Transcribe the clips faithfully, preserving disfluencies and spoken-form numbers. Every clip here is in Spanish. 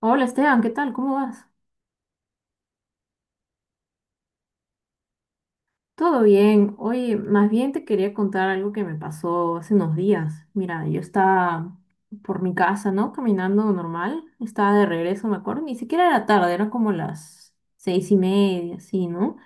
Hola Esteban, ¿qué tal? ¿Cómo vas? Todo bien. Oye, más bien te quería contar algo que me pasó hace unos días. Mira, yo estaba por mi casa, ¿no? Caminando normal. Estaba de regreso, me acuerdo. Ni siquiera era tarde, eran como las seis y media, así, ¿no?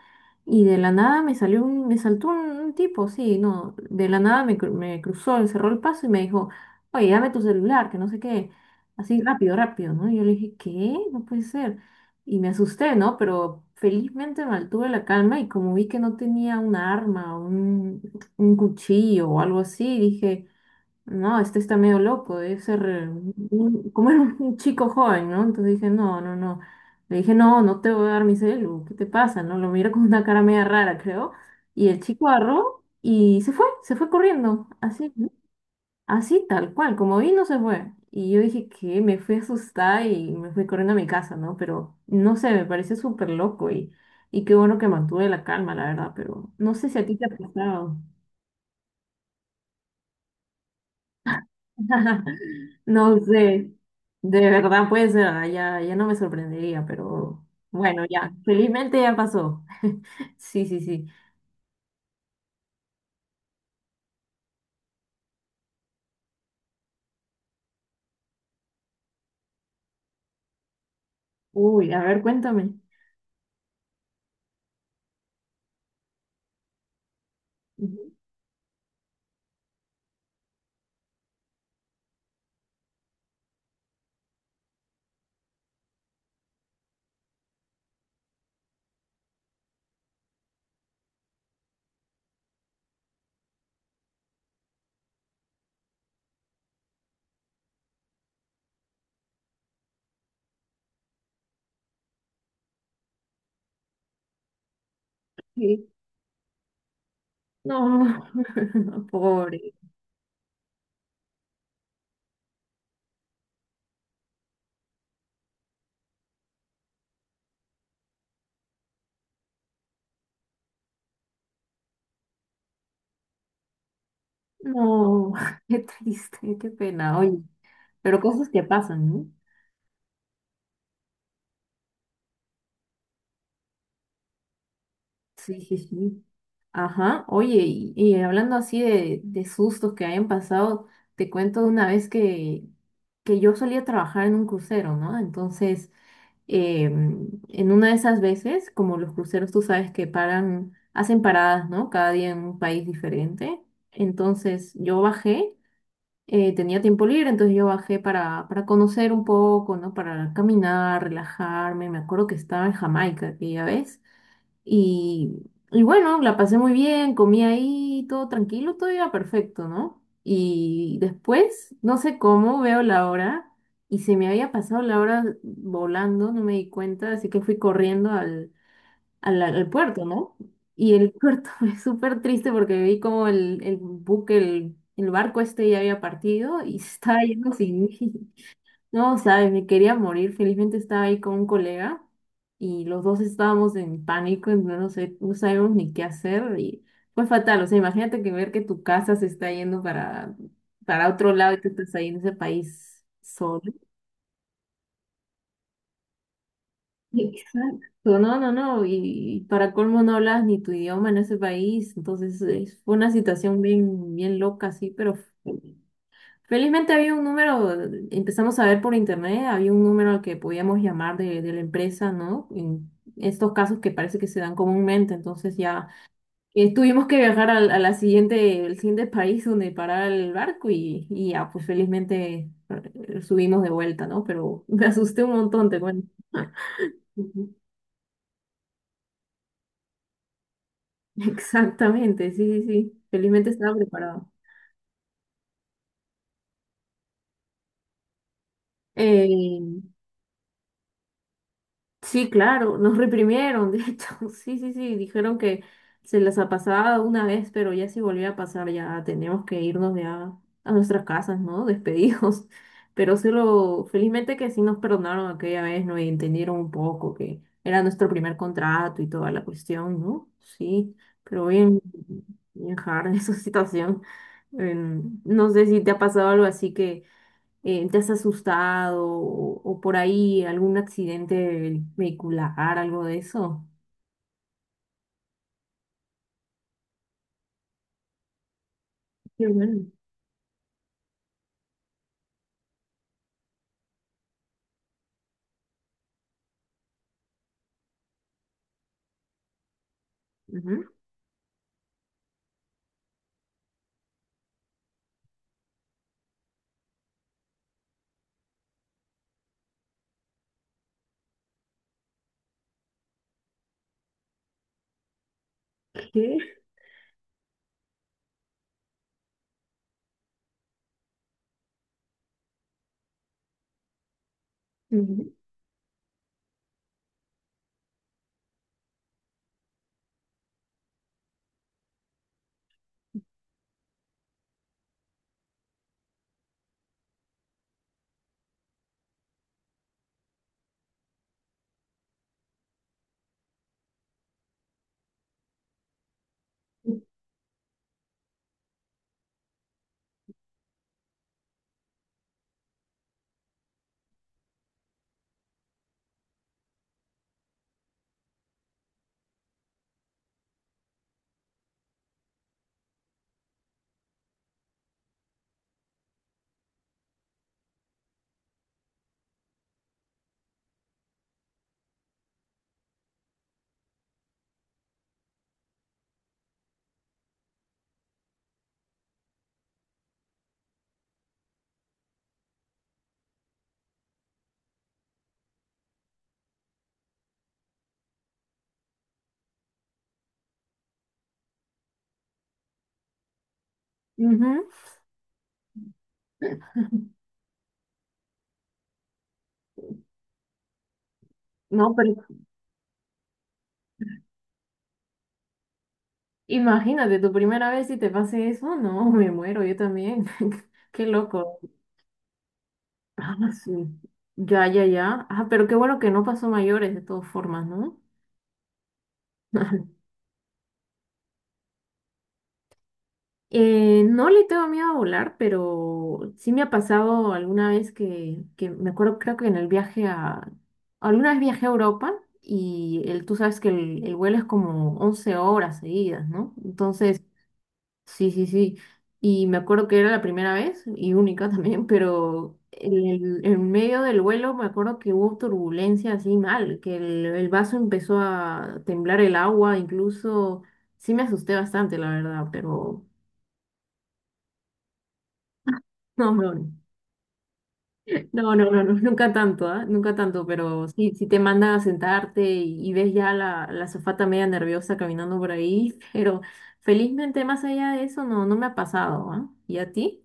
Y de la nada me salió un, me saltó un, un tipo, sí, no. De la nada me, cru- me cruzó, me cerró el paso y me dijo, oye, dame tu celular, que no sé qué. Así rápido, rápido, ¿no? Y yo le dije, ¿qué? No puede ser. Y me asusté, ¿no? Pero felizmente mantuve la calma y como vi que no tenía un arma, un, un cuchillo o algo así, dije, no, este está medio loco, debe ser eh, un- como era un chico joven, ¿no? Entonces dije, no, no, no. Le dije, no, no te voy a dar mi celu, ¿qué te pasa? ¿No? Lo mira con una cara media rara, creo. Y el chico agarró y se fue, se fue corriendo, así. Así tal cual, como vino se fue. Y yo dije que me fui asustada y me fui corriendo a mi casa, ¿no? Pero no sé, me pareció súper loco y, y qué bueno que mantuve la calma, la verdad, pero no sé si a ti te ha pasado. No sé, de verdad puede ser, ah, ya, ya no me sorprendería, pero bueno, ya, felizmente ya pasó. Sí, sí, sí. Uy, a ver, cuéntame. Ujú. Sí. No, pobre. No, qué triste, qué pena. Oye. Pero cosas que pasan, ¿no? Sí, sí, sí. Ajá, oye, y, y hablando así de, de sustos que hayan pasado, te cuento de una vez que, que yo solía trabajar en un crucero, ¿no? Entonces, em, en una de esas veces, como los cruceros, tú sabes que paran, hacen paradas, ¿no? Cada día en un país diferente. Entonces, yo bajé, eh, tenía tiempo libre, entonces yo bajé para, para conocer un poco, ¿no? Para caminar, relajarme. Me acuerdo que estaba en Jamaica aquella vez. Y, y bueno, la pasé muy bien, comí ahí, todo tranquilo, todo iba perfecto, ¿no? Y después, no sé cómo, veo la hora y se me había pasado la hora volando, no me di cuenta, así que fui corriendo al, al, al puerto, ¿no? Y el puerto fue súper triste porque vi como el, el buque, el, el barco este ya había partido y se estaba yendo sin mí. No, sabes, me quería morir. Felizmente estaba ahí con un colega y los dos estábamos en pánico, en- no sé, no sabíamos ni qué hacer y fue fatal. O sea, imagínate que ver que tu casa se está yendo para, para otro lado y tú estás ahí en ese país solo. Exacto. No, no, no. Y, para colmo no hablas ni tu idioma en ese país. Entonces, es- fue una situación bien, bien loca, sí, pero felizmente había un número, empezamos a ver por internet, había un número al que podíamos llamar de, de la empresa, ¿no? En estos casos que parece que se dan comúnmente, entonces ya eh, tuvimos que viajar al, a la siguiente, el siguiente país donde parar el barco y, y ya, pues felizmente eh, subimos de vuelta, ¿no? Pero me asusté un montón, te cuento. Ujú. Exactamente, sí, sí, sí. Felizmente estaba preparado. Eh, Sí, claro, nos reprimieron, de hecho, sí, sí, sí, dijeron que se las ha pasado una vez, pero ya si volvía a pasar, ya teníamos que irnos ya a nuestras casas, ¿no? Despedidos. Pero sí lo, felizmente que sí nos perdonaron aquella vez, ¿no? Y entendieron un poco que era nuestro primer contrato y toda la cuestión, ¿no? Sí, pero bien, bien hard en esa situación. Em, no sé si te ha pasado algo así que eh, te has asustado o, o por ahí algún accidente vehicular, algo de eso. Qué bueno. Ujú. ¿Qué? Ujú. Ujú. No, pero imagínate, tu primera vez si te pase eso, no, me muero, yo también. Qué loco. Ah, sí. Ya, ya, ya. Ah, pero qué bueno que no pasó mayores de todas formas, ¿no? Eh, no le tengo miedo a volar, pero sí me ha pasado alguna vez que, que me acuerdo, creo que en el viaje a, alguna vez viajé a Europa y el, tú sabes que el, el vuelo es como once horas seguidas, ¿no? Entonces, sí, sí, sí. Y me acuerdo que era la primera vez y única también, pero en, el- en medio del vuelo me acuerdo que hubo turbulencia así mal, que el, el vaso empezó a temblar el agua, incluso sí me asusté bastante, la verdad, pero no, no. No. No, no, no, no, nunca tanto, ¿ah? Nunca tanto, pero sí, sí te mandan a sentarte y, y ves ya la, la azafata media nerviosa caminando por ahí, pero felizmente más allá de eso no, no me ha pasado, ¿ah? ¿Y a ti?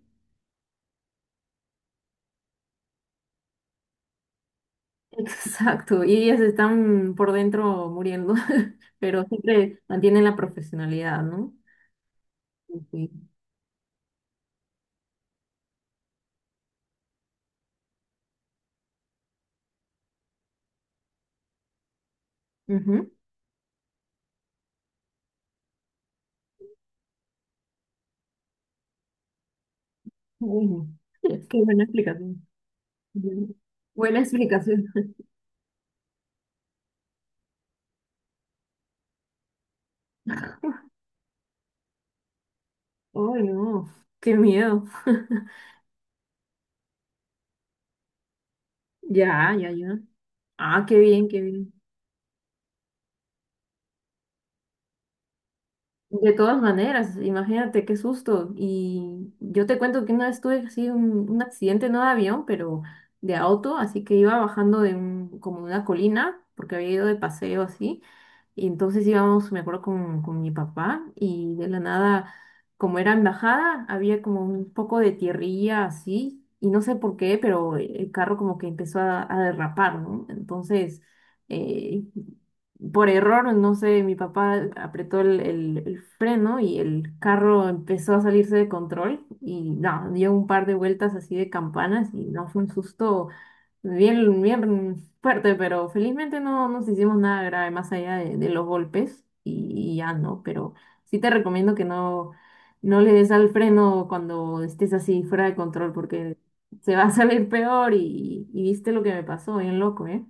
Exacto, y ellas están por dentro muriendo, pero siempre mantienen la profesionalidad, ¿no? Sí. Ujú. Bueno, qué buena explicación. Bien. Buena explicación. Ay, no, qué miedo. Ya, ya, ya. Ah, qué bien, qué bien. De todas maneras, imagínate qué susto. Y yo te cuento que una vez tuve así un, un accidente, no de avión, pero de auto, así que iba bajando de un, como de una colina, porque había ido de paseo así, y entonces íbamos, me acuerdo, con, con mi papá y de la nada, como era en bajada, había como un poco de tierrilla así y no sé por qué, pero el carro como que empezó a, a derrapar, ¿no? Entonces, eh, por error, no sé, mi papá apretó el, el- el freno y el carro empezó a salirse de control y no, dio un par de vueltas así de campanas y no fue un susto bien, bien fuerte, pero felizmente no nos hicimos nada grave más allá de, de los golpes y, y ya no, pero sí te recomiendo que no, no le des al freno cuando estés así fuera de control porque se va a salir peor y, y viste lo que me pasó, bien loco, ¿eh?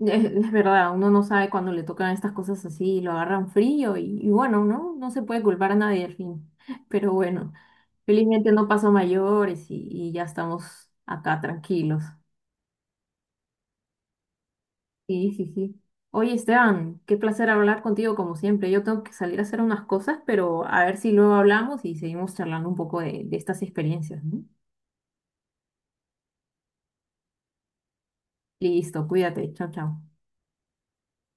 Es, es verdad, uno no sabe cuando le tocan estas cosas así y lo agarran frío y, y bueno, ¿no? No se puede culpar a nadie al fin, pero bueno, felizmente no pasó a mayores y y ya estamos acá tranquilos. Sí, sí, sí. Oye, Esteban, qué placer hablar contigo como siempre. Yo tengo que salir a hacer unas cosas, pero a ver si luego hablamos y seguimos charlando un poco de, de estas experiencias, ¿no? Listo, cuídate. Chao, chao.